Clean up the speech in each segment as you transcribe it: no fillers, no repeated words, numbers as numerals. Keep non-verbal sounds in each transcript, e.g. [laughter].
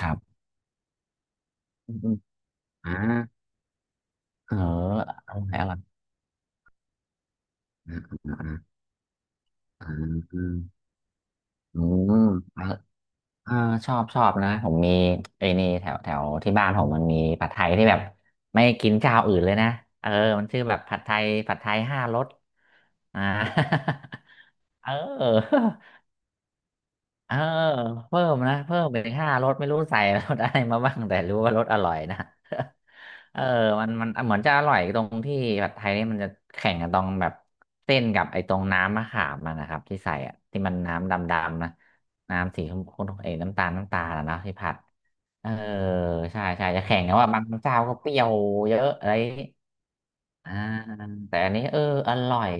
ครับอืมออ่าเออเอาไหนเอาะอ่าอ่าอ่าอืมอืมเออเอาชอบ นะ ผมมีไอ้นี่แถว แถว ที่บ้าน ผม มันมี ผัดไทยที่ แบบ ไม่ กินเจ้าอื่น เลย นะ เออ มัน ชื่อ แบบ ผัดไทยห้ารสอ่า [laughs] เออ เออเพิ่มนะเพิ่มไปห้ารสไม่รู้ใส่รสอะไรมาบ้างแต่รู้ว่ารสอร่อยนะ [laughs] เออมันเหมือนจะอร่อยตรงที่ผัดไทยนี่มันจะแข่งกันตรงแบบเส้นกับไอ้ตรงน้ำมะขามมันนะครับที่ใส่อะที่มันน้ำดำๆนะน้ำสีชมพูเอ้ยน้ำตาลน้ำตาลนะเนาะที่ผัดเออใช่ใช่จะแข่งกันว่าบางเจ้าก็เปรี้ยวเยอะอะไรอย่างงี้อ่าแต่อันนี้อร่อย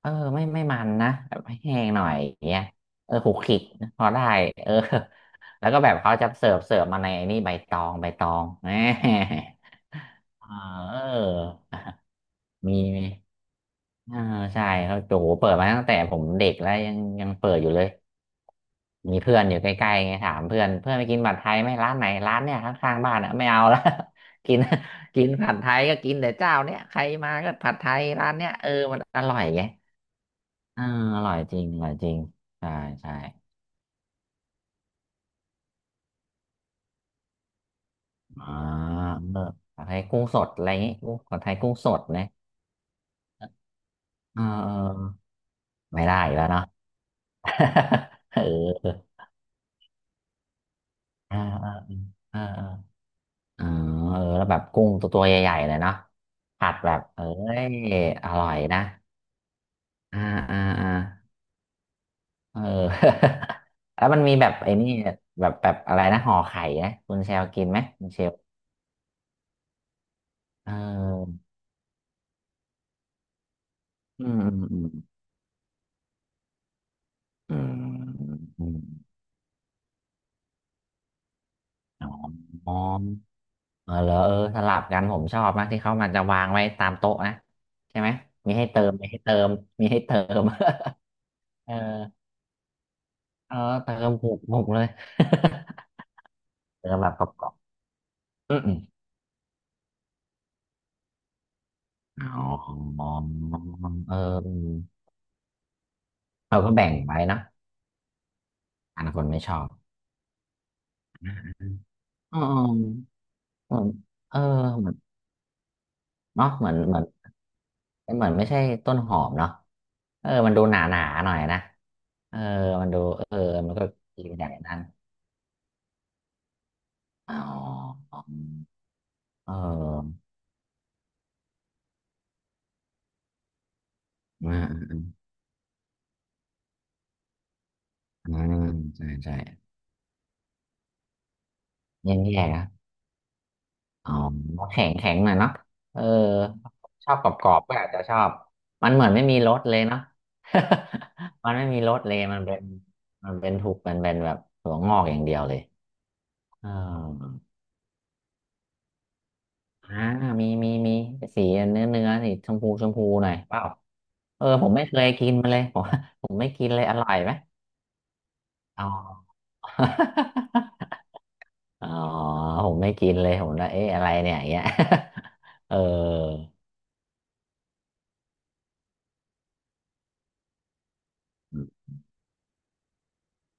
ไม่ไม่มันนะแบบแห้งหน่อยอย่างเงี้ยขูกขลิกพอได้เออ [laughs] แล้วก็แบบเขาจะเสิร์ฟมาในนี่ใบตองแหม [laughs] เออมีมีเออใช่เขาโจเปิดมาตั้งแต่ผมเด็กแล้วยังเปิดอยู่เลยมีเพื่อนอยู่ใกล้ๆไงถามเพื่อนเพื่อนไปกินผัดไทยไหมร้านไหนร้านเนี่ยข้างๆบ้านอ่ะไม่เอาแล้ว [laughs] กิน [laughs] กินผัดไทยก็กินแต่เจ้าเนี้ยใครมาก็ผัดไทยร้านเนี้ยมันอร่อยไง อ่าอร่อยจริงอร่อยจริงใช่ใช่อ่าเออผัดไทยกุ้งสดอะไรอย่างงี้กุ้งผัดไทยกุ้งสดนะเออเออไม่ได้อีกแล้วเนาะ [laughs] เอออ่าอ่าอ่าอ่าอ๋อเออแล้วแบบกุ้งตัวใหญ่ๆเลยเนาะผัดแบบเอ้ยอร่อยนะอ่าอ่าอ่าเออ [laughs] แล้วมันมีแบบไอ้นี่แบบอะไรนะห่อไข่นะคุณเชลกินไหมคุณเชลเอออืมอืมอืมอืมอืม อ๋อเออเหรอสลับกันผมชอบมากที่เขามันจะวางไว้ตามโต๊ะนะใช่ไหมมีให้เติมมีให้เติมมีให้เติม [laughs] เออเออเติมหกหกเลย [laughs] เติมแบบกรอบๆอืมๆอ๋อเออเราก็แบ่งไว้นะอันคนไม่ชอบอืมเหมือนเออเหมือนเนาะเหมือนเหมือนเหมือนไม่ใช่ต้นหอมเนาะมันดูหนาหนาหน่อยนะเออมันดูมันก็กินอย่างนั้น อ๋อเอออาอ่าใช่ใช่แย่ๆนะอ๋อแข็งแข็งหน่อยเนาะเออชอบกรอบๆก็อาจจะชอบมันเหมือนไม่มีรสเลยเนาะ [laughs] มันไม่มีรสเลยมันเป็นมันเป็นถูกเป็นเป็นแบบถั่วงอกอย่างเดียวเลยเอออ่ามีมีมีสีเนื้อเนื้อสีชมพูชมพูหน่อยเปล่าผมไม่เคยกินมาเลยผม [laughs] ผมไม่กินเลยอร่อยไหมอ๋อ อ๋อผมไม่กินเลยผมนะเอ๊ะอะไรเนี่ยอย่างเงี้ย [laughs] เออ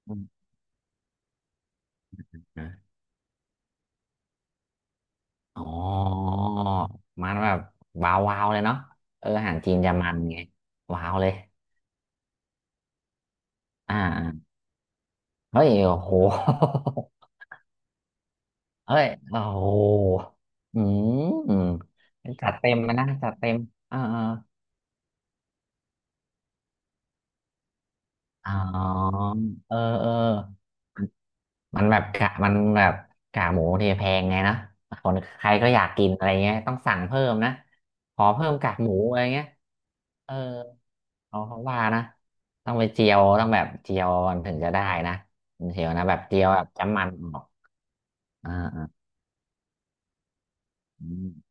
อืมนะอ๋อมันแบบวาววาวเลยเนาะอาหารจีนจะมันไงว้าวเลยอ่าอ่าเฮ้ยโอ้โห [laughs] เฮ้ยโอ้โหอืมอืมจัดเต็มมานะจัดเต็มอ่าอ่าอ๋อเออเออ มันแบบกะหมูเทีแพงไงนะคนใครก็อยากกินอะไรเงี้ยต้องสั่งเพิ่มนะขอเพิ่มกากหมูอะไรเงี้ยเออเขาว่านะต้องไปเจียวต้องแบบเจียวมันถึงจะได้นะเจียวนะแบบเจียวแบบจ้ำมันออกอ่าอาอม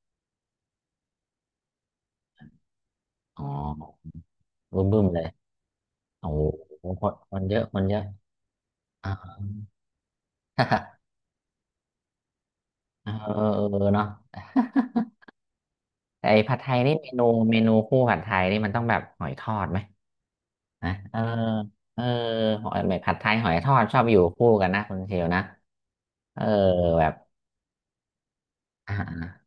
อ๋อบึ้มบึ้มเลยโอ้โหคนเยอะคนเยอะอ่า [laughs] เออเออเนาะ [laughs] แต่ไอ้ผัดไทยนี่เมนูคู่ผัดไทยนี่มันต้องแบบหอยทอดไหม นะเออเออหอยแบบผัดไทยหอยทอดชอบอยู่คู่กันนะคุณเชลนะเออแบบอ่า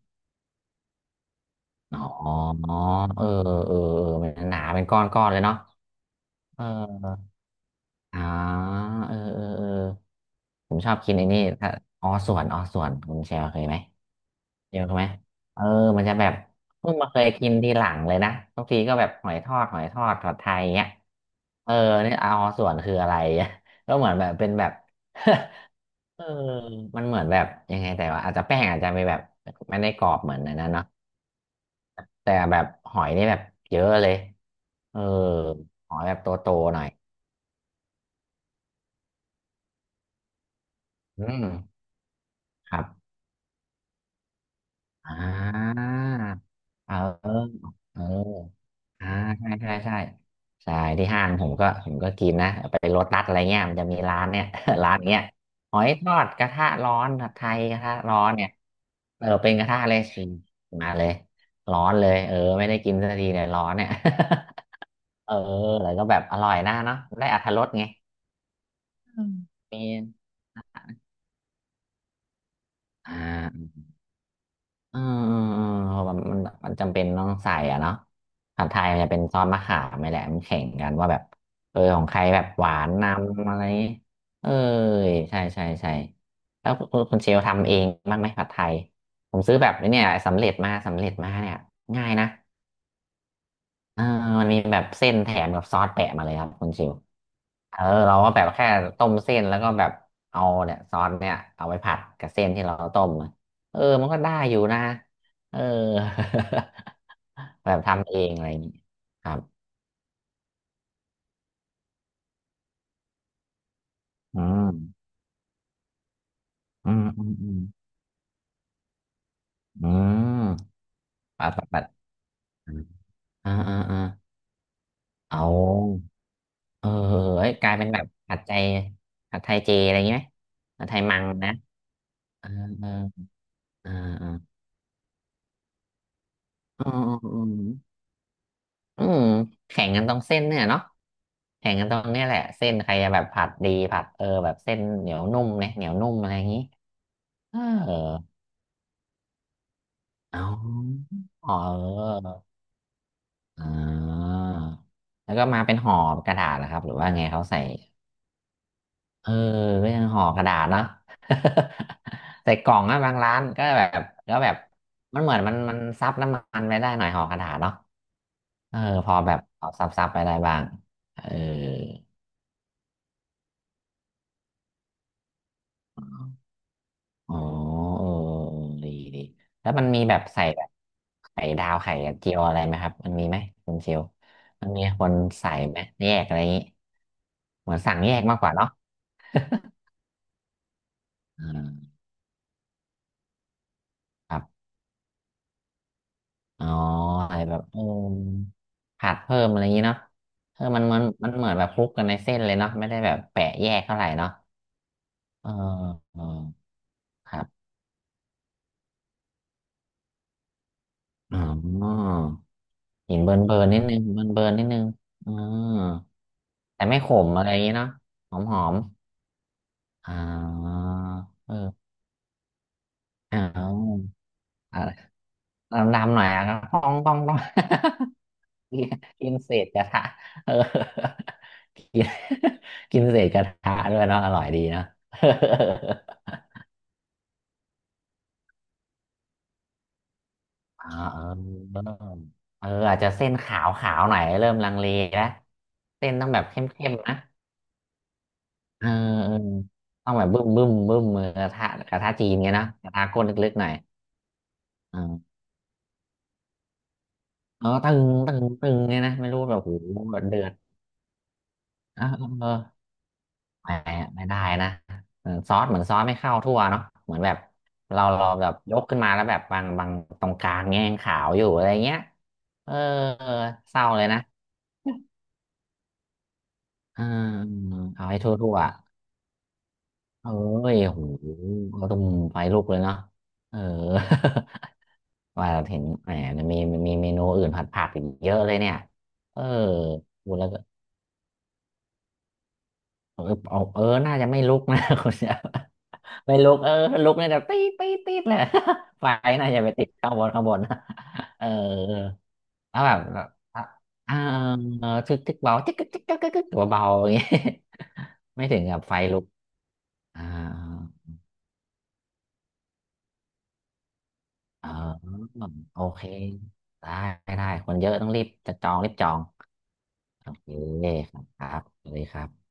อ๋อเออเออเออมันหนาเป็นก้อนๆเลยเนาะเอออ๋อเออเออเออผมชอบกินไอ้นี่ถ้าออส่วน ออส่วนคุณเชลเคยไหม เดี๋ยวถูกไหมเออมันจะแบบเพิ่งมาเคยกินทีหลังเลยนะบางทีก็แบบหอยทอดผัดไทยเงี้ยเออเนี่ยเอาส่วนคืออะไร [laughs] ก็เหมือนแบบเป็นแบบ [laughs] เออมันเหมือนแบบยังไงแต่ว่าอาจจะแป้งอาจจะไม่แบบไม่ได้กรอบเหมือนอันนั้นเนาะแต่แบบหอยนี่แบบเยอะเลยเออหอยแบบโตๆหน่อยอืมครับอ่าเออเออ อ่าใช่ใช่ใช่ใช่ที่ห้างผมก็ผมก็กินนะไปโลตัสอะไรเงี้ยมันจะมีร้านเนี่ย [laughs] ร้านเนี้ยหอยทอดกระทะร้อนผัดไทยกระทะร้อนเนี่ยเป็นกระทะเลยสิมาเลยร้อนเลยไม่ได้กินสักทีเนี่ยร้อนเนี่ย [laughs] เออแล้วก็แบบอร่อยนะเนาะได้อรรถรสไงมีอ่า เออเออเออเพราะว่ามันจำเป็นต้องใส่อ่ะเนาะผัดไทยมันจะเป็นซอสมะขามไม่แหละมันแข่งกันว่าแบบเออของใครแบบหวานนำอะไรอย่างงี้เออใช่ใช่ใช่แล้วคุณเชลทำเองบ้างไหมผัดไทยผมซื้อแบบเนี่ยสำเร็จมาเนี่ยง่ายนะเออมันมีแบบเส้นแถมกับซอสแปะมาเลยครับคุณเชล เออเราก็แบบแค่ต้มเส้นแล้วก็แบบเอาเนี่ยซอสเนี่ยเอาไปผัดกับเส้นที่เราต้มอะเออมันก็ได้อยู่นะเออ [laughs] แบบทำเองอะไรอย่างนี้ครับอืมอืมอืมอืมอืมปัดปัดปัดอ่าอ่าอ่าเอาเออเอ้ยกลายเป็นแบบผัดใจผัดไทยเจอะไรอย่างงี้ไหมผัดไทยมังนะเออเออเออเอออืมอืมอืมอืมแข่งกันตรงเส้นเนี่ยเนาะ แข่งกันตรงเนี้ยแหละเส้นใครจะแบบผัดดีผัดเออแบบเส้นเหนียวนุ่มเนี่ยเหนียวนุ่มอะไรอย่างนี้เออเอาอ๋อเอออ่าแล้วก็มาเป็นห่อกระดาษนะครับหรือว่าไงเขาใส่เออก็ยังห่อกระดาษเนาะ [laughs] ใส่กล่องนะบางร้านก็แบบก็แบบมันเหมือนมันซับน้ำมันไปได้หน่อยห่อกระดาษเนาะเออพอแบบพอซับซับไปได้บ้างเออ อ๋อเออเออดีดี แล้วมันมีแบบใส่แบบไข่ดาวไข่เจียวอะไรไหมครับมันมีไหมคุณเชลมันมีคนใส่ไหมแยกอะไรอย่างนี้ เหมือนสั่งแยกมากกว่าเนาะอ่าครับอ๋อใส่แบบเออผัดเพิ่มอะไรอย่างนี้เนาะเออมันเหมือนแบบคลุกกันในเส้นเลยเนาะไม่ได้แบบแปะแยกเท่าไหร่เนาะเออเออครับอ๋อเห็นเบิร์นเบิร์นนิดนึงเบิร์นเบิร์นนิดนึงอืมแต่ไม่ขมอะไรอย่างนี้เนาะหอมหอม อ่าเอออ่าวอ่าดำๆหน่อยอ่ะป้องป้องป้อง [laughs] กินกินเศษกระทะเออ [laughs] กินกินเศษกระทะด้วยเนาะอร่อยดีเนาะ [laughs] อ่าเออเริ่มเอออาจจะเส้นขาวขาวหน่อยเริ่มลังเลแล้วเส้นต้องแบบเข้มเข้มนะเออเออต้องแบบบึ้มบึ้มบึ้มมือกระทะกระทะจีนไงเนอะกระทะก้นลึกๆหน่อยอ่าเออตึงตึงตึงไงนะไม่รู้แบบโหแบบเดือด เออเออไม่ได้นะเออซอสเหมือนซอสไม่เข้าทั่วเนาะเหมือนแบบเราแบบยกขึ้นมาแล้วแบบบางบางตรงกลางแง่งขาวอยู่อะไรเงี้ยเออเศร้าเลยนะเออเอาให้ทั่วทั่วเอ้ยโหเราต้องไปลุกเลยเนาะเออ [laughs] ว่าเห็นแหมมีมีเมนูอื่นผัดผักอีกเยอะเลยเนี่ยเออดูแล้วก็ เออเอาเออน่าจะไม่ลุกนะ [laughs] คุณเนี่ยไม่ลุกเออลุกเนี่ยจะตีดตีดตีดเลย [laughs] ไฟน่าจะไปติดข้างบนข้างบน [laughs] นะเออแล้วแบบแบบอ่ะเออเออทึกทึกเบาทึกทึกทึกทึกทึกตัวเบาๆอย่างงี้ [laughs] ไม่ถึงกับไฟลุกอ่าเออโอเคได้ได้ คนเยอะต้องรีบจะจองรีบจองโอเคครับครับสวัสดีครับ